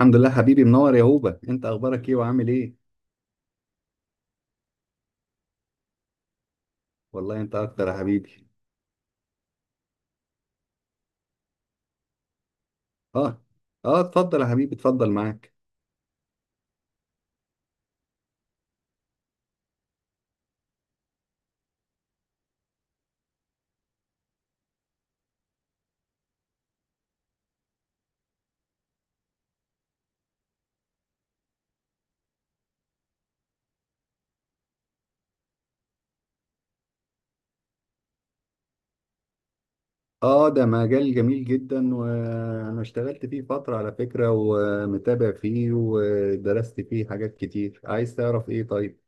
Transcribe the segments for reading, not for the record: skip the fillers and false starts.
الحمد لله، حبيبي منور يا هوبا. انت اخبارك ايه وعامل ايه؟ والله انت اكتر يا حبيبي. اه، اه، اتفضل يا حبيبي، اتفضل معاك. اه، ده مجال جميل جدا وانا اشتغلت فيه فترة على فكرة، ومتابع فيه ودرست فيه حاجات كتير. عايز تعرف ايه؟ طيب،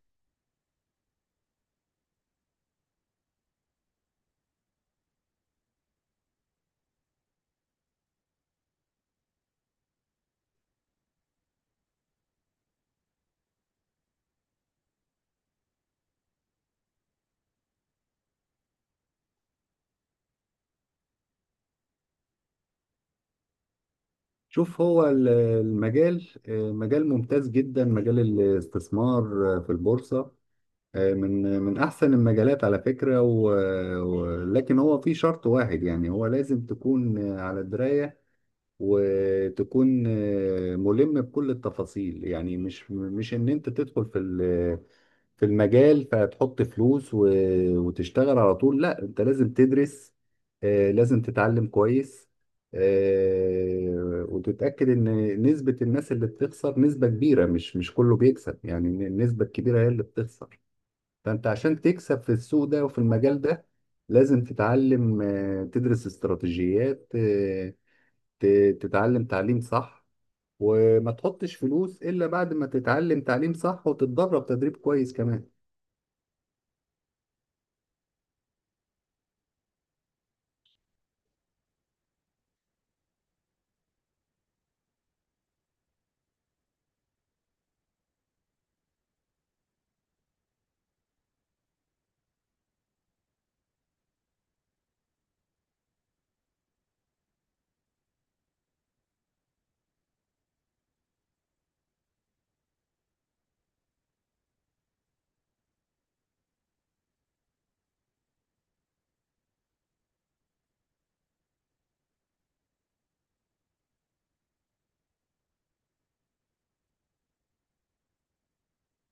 شوف، هو المجال، مجال ممتاز جدا، مجال الاستثمار في البورصة، من احسن المجالات على فكرة لكن هو في شرط واحد. يعني هو لازم تكون على دراية، وتكون ملم بكل التفاصيل. يعني مش ان انت تدخل في في المجال فتحط فلوس وتشتغل على طول. لا، انت لازم تدرس، لازم تتعلم كويس، وتتأكد ان نسبة الناس اللي بتخسر نسبة كبيرة. مش كله بيكسب، يعني النسبة الكبيرة هي اللي بتخسر. فانت عشان تكسب في السوق ده وفي المجال ده لازم تتعلم، تدرس استراتيجيات، تتعلم تعليم صح، وما تحطش فلوس إلا بعد ما تتعلم تعليم صح وتتدرب تدريب كويس كمان.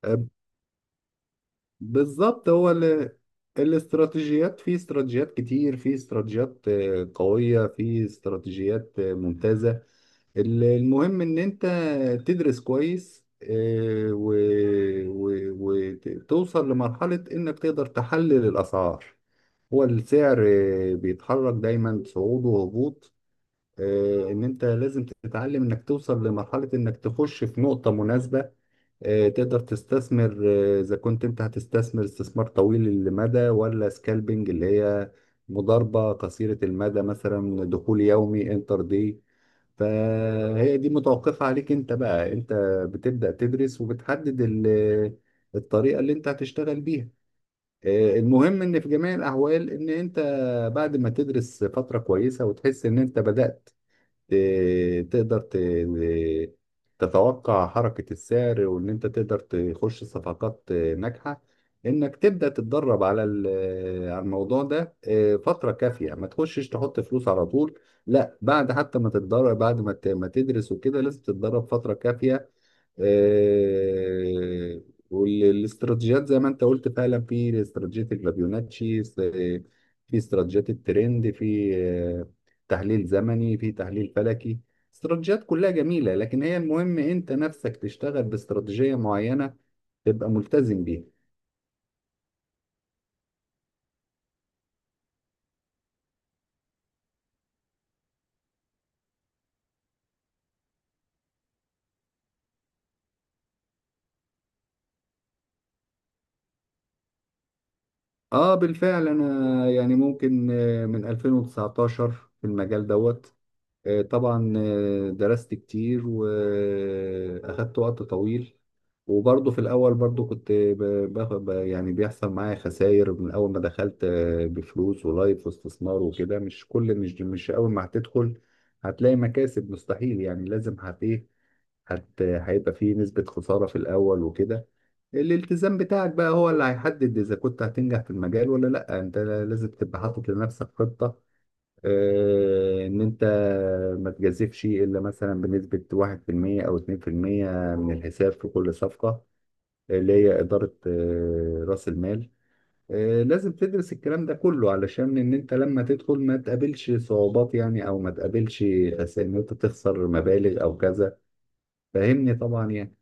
أه، بالظبط هو الاستراتيجيات. في استراتيجيات كتير، في استراتيجيات قوية، في استراتيجيات ممتازة. المهم ان انت تدرس كويس، وتوصل لمرحلة انك تقدر تحلل الاسعار. هو السعر بيتحرك دايما صعود وهبوط. ان انت لازم تتعلم انك توصل لمرحلة انك تخش في نقطة مناسبة، تقدر تستثمر، اذا كنت انت هتستثمر استثمار طويل المدى ولا سكالبنج، اللي هي مضاربة قصيرة المدى، مثلا دخول يومي انتر دي. فهي دي متوقفة عليك انت. بقى انت بتبدأ تدرس، وبتحدد الطريقة اللي انت هتشتغل بيها. المهم ان في جميع الاحوال ان انت بعد ما تدرس فترة كويسة وتحس ان انت بدأت تقدر تتوقع حركة السعر، وان انت تقدر تخش صفقات ناجحة، انك تبدأ تتدرب على على الموضوع ده فترة كافية. ما تخشش تحط فلوس على طول. لا، بعد حتى ما تتدرب، بعد ما ما تدرس وكده لازم تتدرب فترة كافية، آه، والاستراتيجيات زي ما انت قلت فعلا. في استراتيجية الفيبوناتشي، في استراتيجيات الترند، في تحليل زمني، في تحليل فلكي. استراتيجيات كلها جميلة، لكن هي المهم انت نفسك تشتغل باستراتيجية معينة، تبقى ملتزم بيها. اه، بالفعل انا يعني ممكن من 2019 في المجال دوت. طبعا درست كتير، وأخدت وقت طويل. وبرضه في الأول برضه كنت باخد يعني بيحصل معايا خسائر من أول ما دخلت، بفلوس ولايف واستثمار وكده. مش كل، مش أول ما هتدخل هتلاقي مكاسب، مستحيل. يعني لازم هت إيه، هت هيبقى فيه نسبة خسارة في الأول وكده. الالتزام بتاعك بقى هو اللي هيحدد إذا كنت هتنجح في المجال ولا لأ. أنت لازم تبقى حاطط لنفسك خطة، ان انت ما تجازفش الا مثلا بنسبه 1% او 2% من الحساب في كل صفقه، اللي هي اداره راس المال. لازم تدرس الكلام ده كله علشان ان انت لما تدخل ما تقابلش صعوبات، يعني او ما تقابلش خسائر، ان انت تخسر مبالغ او كذا. فاهمني طبعا يعني.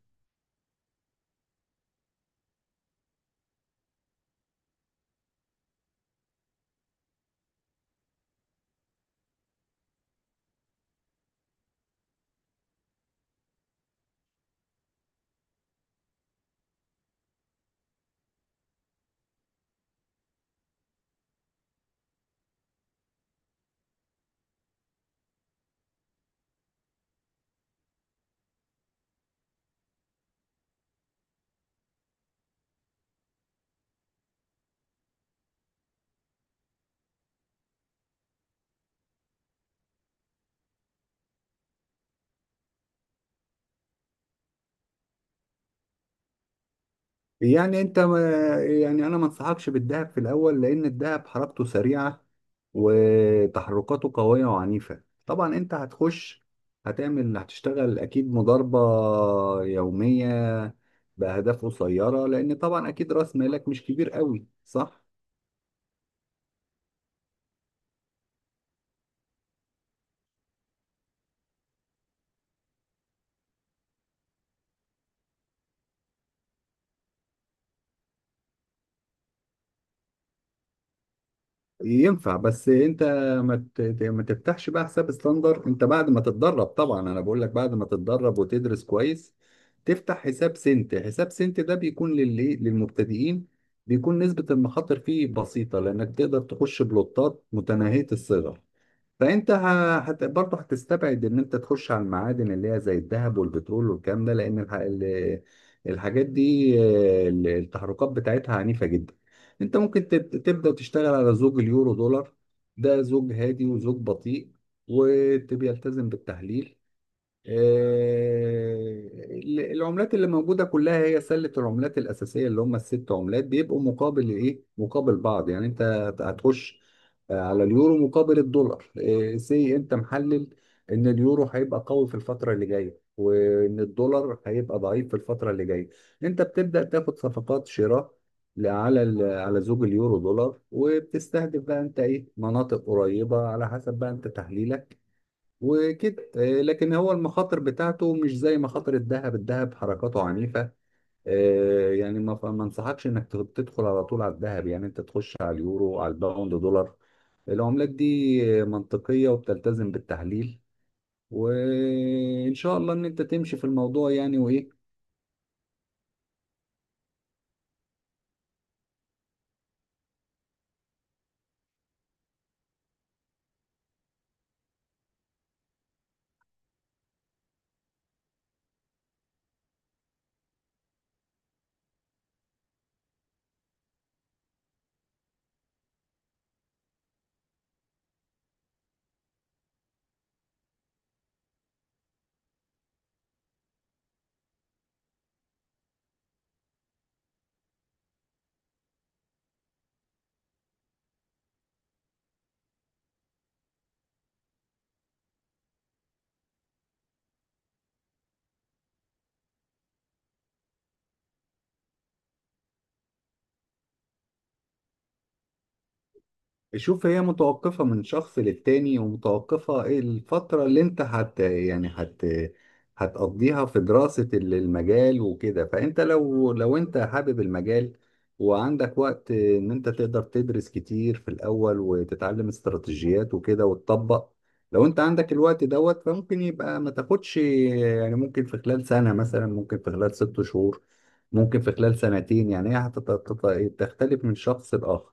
يعني انت ما، يعني انا ما انصحكش بالدهب في الاول لان الدهب حركته سريعه، وتحركاته قويه وعنيفه. طبعا انت هتخش هتعمل هتشتغل اكيد مضاربه يوميه باهداف قصيره، لان طبعا اكيد راس مالك مش كبير قوي، صح؟ ينفع، بس انت ما ت- ت- ما تفتحش بقى حساب ستاندر. انت بعد ما تتدرب، طبعا انا بقول لك بعد ما تتدرب وتدرس كويس، تفتح حساب سنت. حساب سنت ده بيكون للمبتدئين، بيكون نسبة المخاطر فيه بسيطة لانك تقدر تخش بلوتات متناهية الصغر. فانت برضه هتستبعد ان انت تخش على المعادن اللي هي زي الذهب والبترول والكلام ده، لان الحاجات دي التحركات بتاعتها عنيفة جدا. انت ممكن تبدأ تشتغل على زوج اليورو دولار. ده زوج هادي وزوج بطيء، وتبقى يلتزم بالتحليل. آه، العملات اللي موجودة كلها هي سلة العملات الأساسية، اللي هم الست عملات، بيبقوا مقابل إيه؟ مقابل بعض. يعني أنت هتخش على اليورو مقابل الدولار. سي، أنت محلل إن اليورو هيبقى قوي في الفترة اللي جاية، وإن الدولار هيبقى ضعيف في الفترة اللي جاية. أنت بتبدأ تاخد صفقات شراء على على زوج اليورو دولار، وبتستهدف بقى أنت إيه؟ مناطق قريبة على حسب بقى أنت تحليلك وكده. لكن هو المخاطر بتاعته مش زي مخاطر الذهب. الذهب حركاته عنيفة، يعني ما انصحكش انك تدخل على طول على الذهب. يعني انت تخش على اليورو، على الباوند دولار. العملات دي منطقية وبتلتزم بالتحليل، وان شاء الله ان انت تمشي في الموضوع يعني. وايه، شوف هي متوقفة من شخص للتاني، ومتوقفة الفترة اللي انت هت يعني هت هتقضيها في دراسة المجال وكده. فانت لو انت حابب المجال، وعندك وقت ان انت تقدر تدرس كتير في الاول، وتتعلم استراتيجيات وكده وتطبق، لو انت عندك الوقت دوت، فممكن يبقى ما تاخدش. يعني ممكن في خلال سنة مثلا، ممكن في خلال 6 شهور، ممكن في خلال سنتين. يعني هي تختلف من شخص لآخر.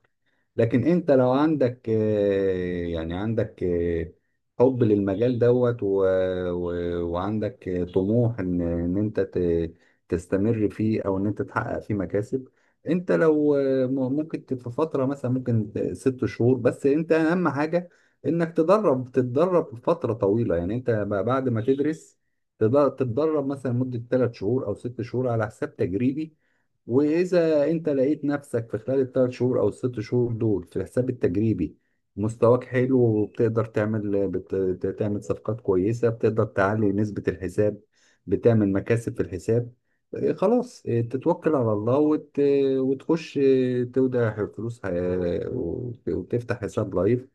لكن انت لو عندك يعني عندك حب للمجال دوت و... وعندك طموح ان انت تستمر فيه، او ان انت تحقق فيه مكاسب. انت لو ممكن في فترة مثلا ممكن 6 شهور. بس انت اهم حاجة انك تدرب تتدرب فترة طويلة. يعني انت بعد ما تدرس تتدرب مثلا مدة 3 شهور او 6 شهور على حساب تجريبي. واذا انت لقيت نفسك في خلال ال3 شهور او ال6 شهور دول في الحساب التجريبي مستواك حلو، وبتقدر تعمل تعمل صفقات كويسة، بتقدر تعلي نسبة الحساب، بتعمل مكاسب في الحساب، خلاص، تتوكل على الله وتخش تودع فلوس وتفتح حساب لايف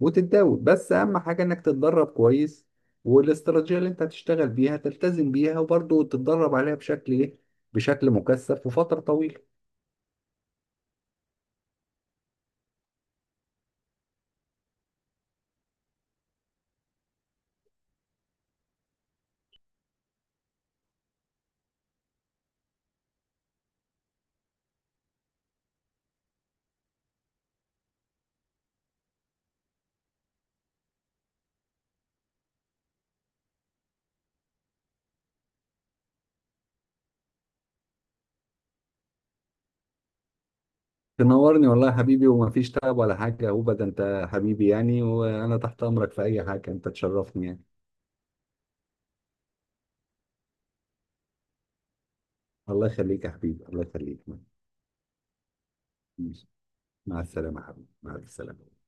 وتتداول. بس اهم حاجة انك تتدرب كويس، والاستراتيجية اللي انت هتشتغل بيها تلتزم بيها، وبرضه تتدرب عليها بشكل ايه؟ بشكل مكثف وفترة طويلة. تنورني والله يا حبيبي، وما فيش تعب ولا حاجة. هو ده انت حبيبي يعني، وانا تحت امرك في اي حاجة. انت تشرفني يعني. الله يخليك يا حبيبي، الله يخليك. ماشي. مع السلامة يا حبيبي، مع السلامة.